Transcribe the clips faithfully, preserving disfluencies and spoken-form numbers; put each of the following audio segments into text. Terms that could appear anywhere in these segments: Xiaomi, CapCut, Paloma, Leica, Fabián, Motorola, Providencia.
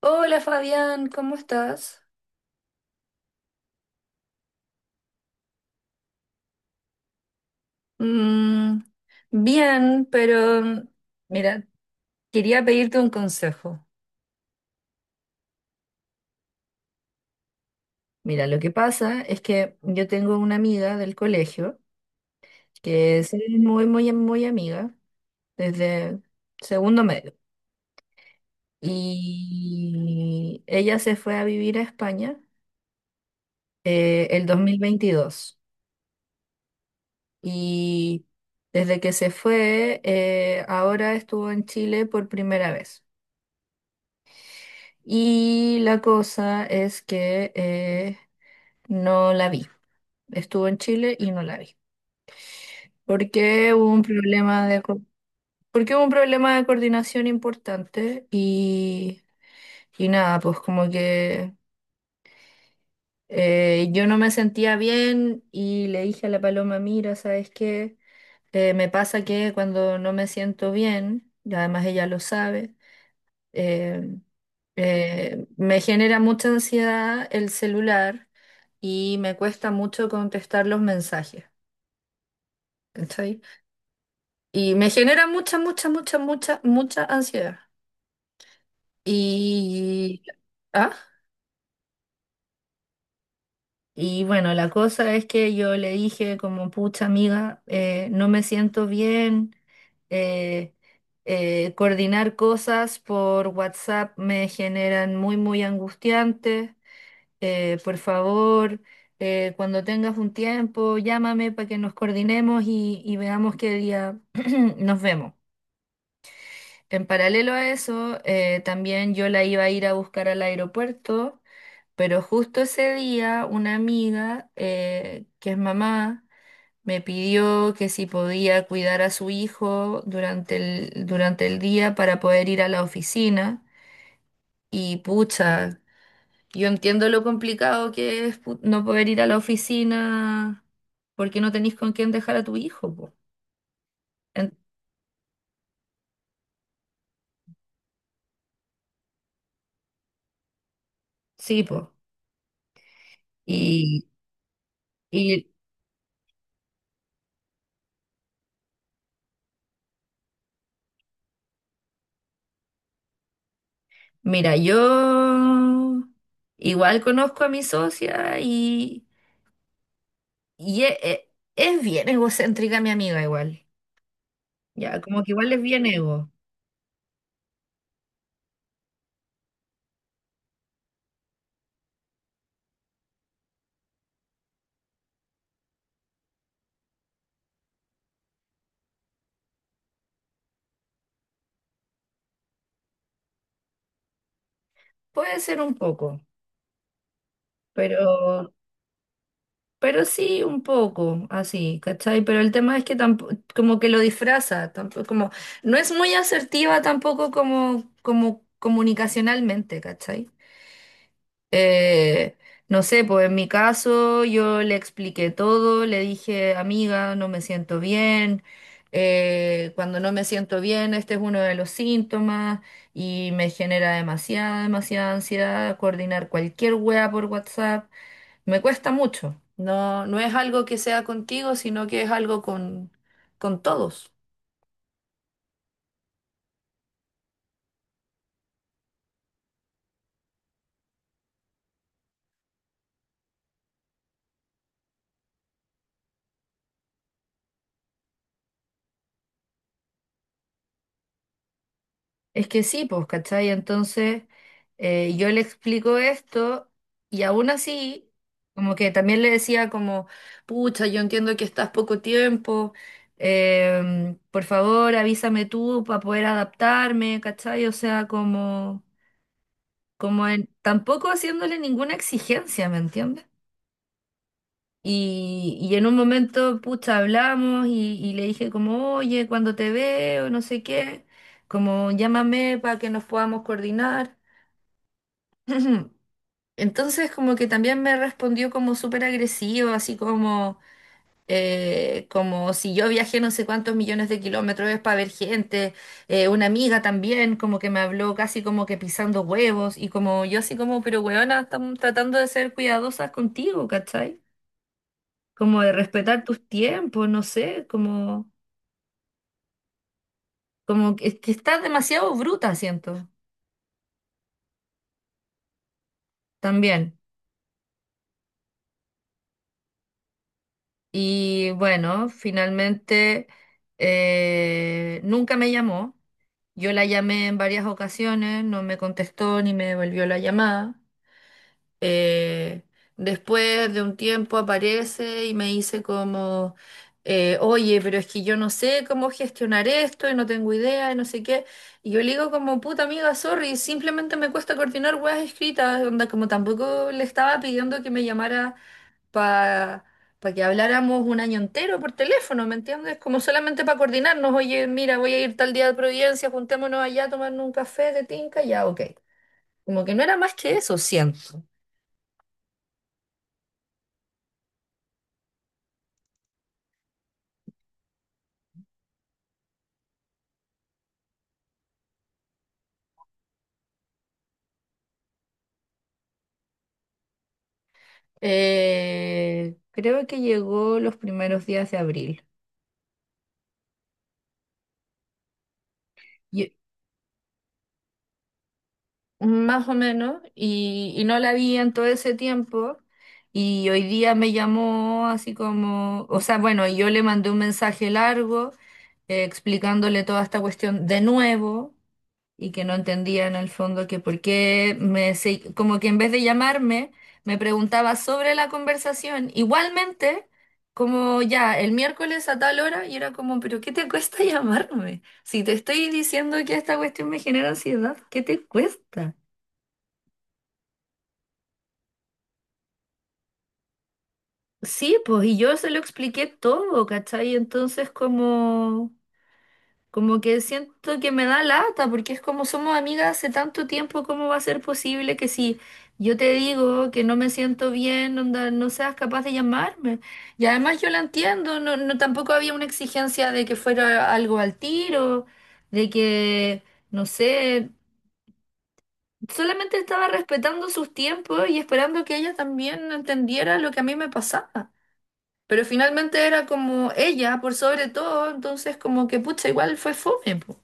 Hola Fabián, ¿cómo estás? Mm, bien, pero mm, mira, quería pedirte un consejo. Mira, lo que pasa es que yo tengo una amiga del colegio que es muy, muy, muy amiga desde segundo medio. Y ella se fue a vivir a España eh, el dos mil veintidós. Y desde que se fue, eh, ahora estuvo en Chile por primera vez. Y la cosa es que eh, no la vi. Estuvo en Chile y no la vi. Porque hubo un problema de, co- Porque hubo un problema de coordinación importante y, y nada, pues como que eh, yo no me sentía bien y le dije a la Paloma, mira, ¿sabes qué? Eh, me pasa que cuando no me siento bien, y además ella lo sabe, Eh, eh, me genera mucha ansiedad el celular y me cuesta mucho contestar los mensajes, ¿cachai? Y me genera mucha, mucha, mucha, mucha, mucha ansiedad. Y, ah, y bueno, la cosa es que yo le dije como, pucha amiga, eh, no me siento bien, eh, eh, coordinar cosas por WhatsApp me generan muy, muy angustiante. Eh, por favor, eh, cuando tengas un tiempo, llámame para que nos coordinemos y, y veamos qué día nos vemos. En paralelo a eso, eh, también yo la iba a ir a buscar al aeropuerto, pero justo ese día una amiga, eh, que es mamá, me pidió que si podía cuidar a su hijo durante el, durante el día para poder ir a la oficina. Y pucha, yo entiendo lo complicado que es pu- no poder ir a la oficina porque no tenéis con quién dejar a tu hijo, po. En- sí, pues. Y, y mira, yo igual conozco a mi socia y, y e- e- es bien egocéntrica mi amiga igual. Ya, como que igual es bien ego. Puede ser un poco, pero... Pero sí, un poco, así, ¿cachai? Pero el tema es que tampoco, como que lo disfraza, tampoco, como, no es muy asertiva tampoco como, como comunicacionalmente, ¿cachai? Eh, no sé, pues en mi caso yo le expliqué todo, le dije, amiga, no me siento bien, eh, cuando no me siento bien, este es uno de los síntomas y me genera demasiada, demasiada ansiedad coordinar cualquier wea por WhatsApp. Me cuesta mucho. No, no es algo que sea contigo, sino que es algo con, con todos. Es que sí, pues, ¿cachai? Entonces, eh, yo le explico esto y aún así, como que también le decía como, pucha, yo entiendo que estás poco tiempo, em, por favor, avísame tú para poder adaptarme, ¿cachai? O sea, como, como en- tampoco haciéndole ninguna exigencia, ¿me entiendes? Y, y en un momento, pucha, hablamos y, y le dije como, oye, cuando te veo, no sé qué, como llámame para que nos podamos coordinar. Entonces como que también me respondió como súper agresivo, así como, eh, como si yo viajé no sé cuántos millones de kilómetros es para ver gente. Eh, una amiga también como que me habló casi como que pisando huevos y como yo así como, pero huevona, estamos tratando de ser cuidadosas contigo, ¿cachai? Como de respetar tus tiempos, no sé, como, como que, que estás demasiado bruta, siento, también. Y bueno, finalmente eh, nunca me llamó. Yo la llamé en varias ocasiones, no me contestó ni me devolvió la llamada. Eh, después de un tiempo aparece y me dice como, eh, oye, pero es que yo no sé cómo gestionar esto y no tengo idea y no sé qué. Y yo le digo como, puta amiga, sorry, simplemente me cuesta coordinar weas escritas, onda, como tampoco le estaba pidiendo que me llamara para que habláramos un año entero por teléfono, ¿me entiendes? Como solamente para coordinarnos, oye, mira, voy a ir tal día de Providencia, juntémonos allá a tomarnos un café de tinca, ya, ok. Como que no era más que eso, siento. Eh, creo que llegó los primeros días de abril, y- más o menos, y, y no la vi en todo ese tiempo. Y hoy día me llamó así como, o sea, bueno, y yo le mandé un mensaje largo eh, explicándole toda esta cuestión de nuevo. Y que no entendía en el fondo que por qué me, se- como que en vez de llamarme, me preguntaba sobre la conversación. Igualmente, como ya el miércoles a tal hora, y era como, pero ¿qué te cuesta llamarme? Si te estoy diciendo que esta cuestión me genera ansiedad, ¿qué te cuesta? Sí, pues, y yo se lo expliqué todo, ¿cachai? Entonces, como... Como que siento que me da lata, porque es como somos amigas hace tanto tiempo, ¿cómo va a ser posible que si yo te digo que no me siento bien, onda, no seas capaz de llamarme? Y además yo la entiendo, no, no tampoco había una exigencia de que fuera algo al tiro, de que, no sé, solamente estaba respetando sus tiempos y esperando que ella también entendiera lo que a mí me pasaba. Pero finalmente era como ella, por sobre todo, entonces como que pucha, igual fue fome, po.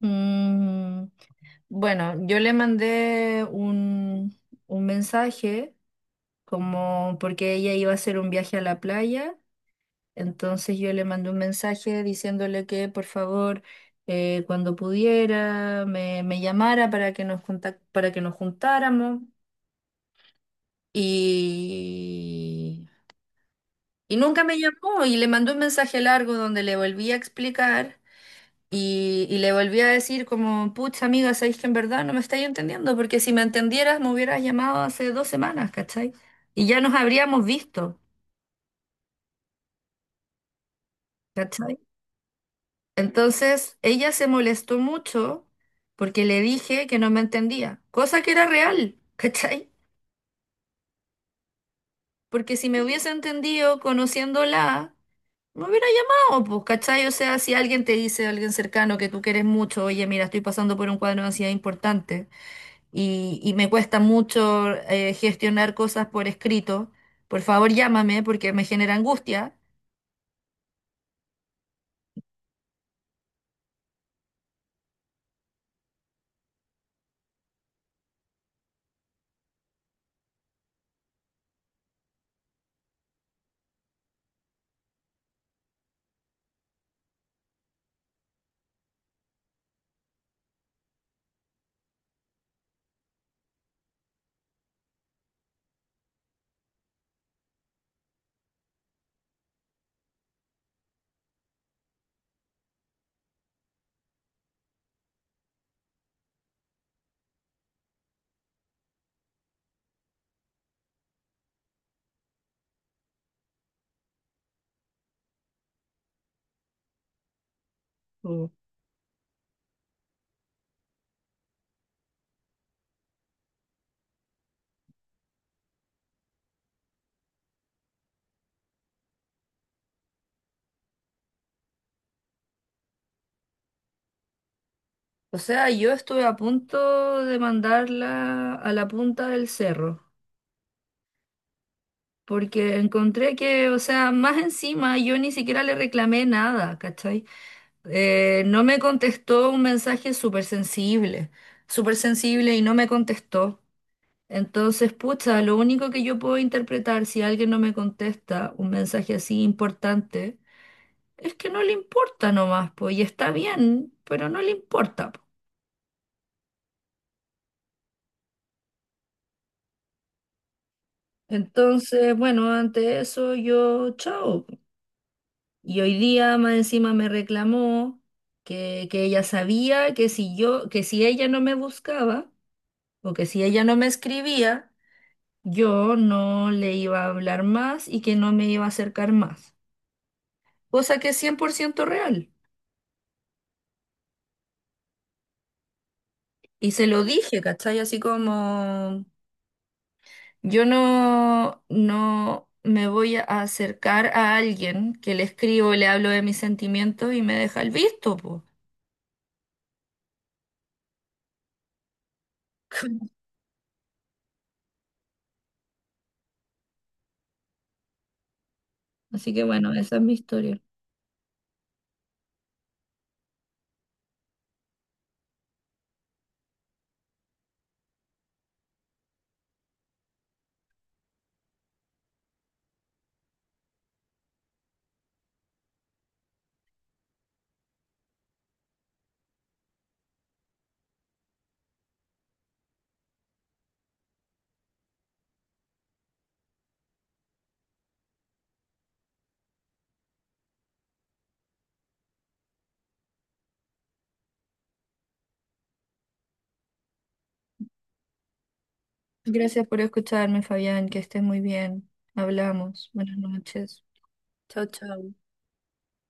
Mm, bueno, yo le mandé un, un mensaje como porque ella iba a hacer un viaje a la playa, entonces yo le mandé un mensaje diciéndole que por favor eh, cuando pudiera me, me llamara para que nos contac- para que nos juntáramos y, y nunca me llamó y le mandé un mensaje largo donde le volví a explicar. Y, y le volví a decir como, pucha amiga, sabéis que en verdad no me estáis entendiendo, porque si me entendieras me hubieras llamado hace dos semanas, ¿cachai? Y ya nos habríamos visto, ¿cachai? Entonces ella se molestó mucho porque le dije que no me entendía, cosa que era real, ¿cachai? Porque si me hubiese entendido conociéndola, me hubiera llamado, pues, ¿cachai? O sea, si alguien te dice, alguien cercano que tú quieres mucho, oye, mira, estoy pasando por un cuadro de ansiedad importante. Y, y me cuesta mucho eh, gestionar cosas por escrito. Por favor, llámame porque me genera angustia. Mm. O sea, yo estuve a punto de mandarla a la punta del cerro, porque encontré que, o sea, más encima yo ni siquiera le reclamé nada, ¿cachai? Eh, no me contestó un mensaje súper sensible, súper sensible y no me contestó. Entonces, pucha, lo único que yo puedo interpretar si alguien no me contesta un mensaje así importante es que no le importa nomás, pues, y está bien, pero no le importa, po. Entonces, bueno, ante eso yo, chao. Y hoy día más encima me reclamó que, que ella sabía que si yo, que si ella no me buscaba o que si ella no me escribía, yo no le iba a hablar más y que no me iba a acercar más. Cosa que es cien por ciento real. Y se lo dije, ¿cachai? Así como... Yo no, no me voy a acercar a alguien que le escribo, le hablo de mis sentimientos y me deja el visto, po. Así que bueno, esa es mi historia. Gracias por escucharme, Fabián, que estés muy bien. Hablamos. Buenas noches. Chao, chao.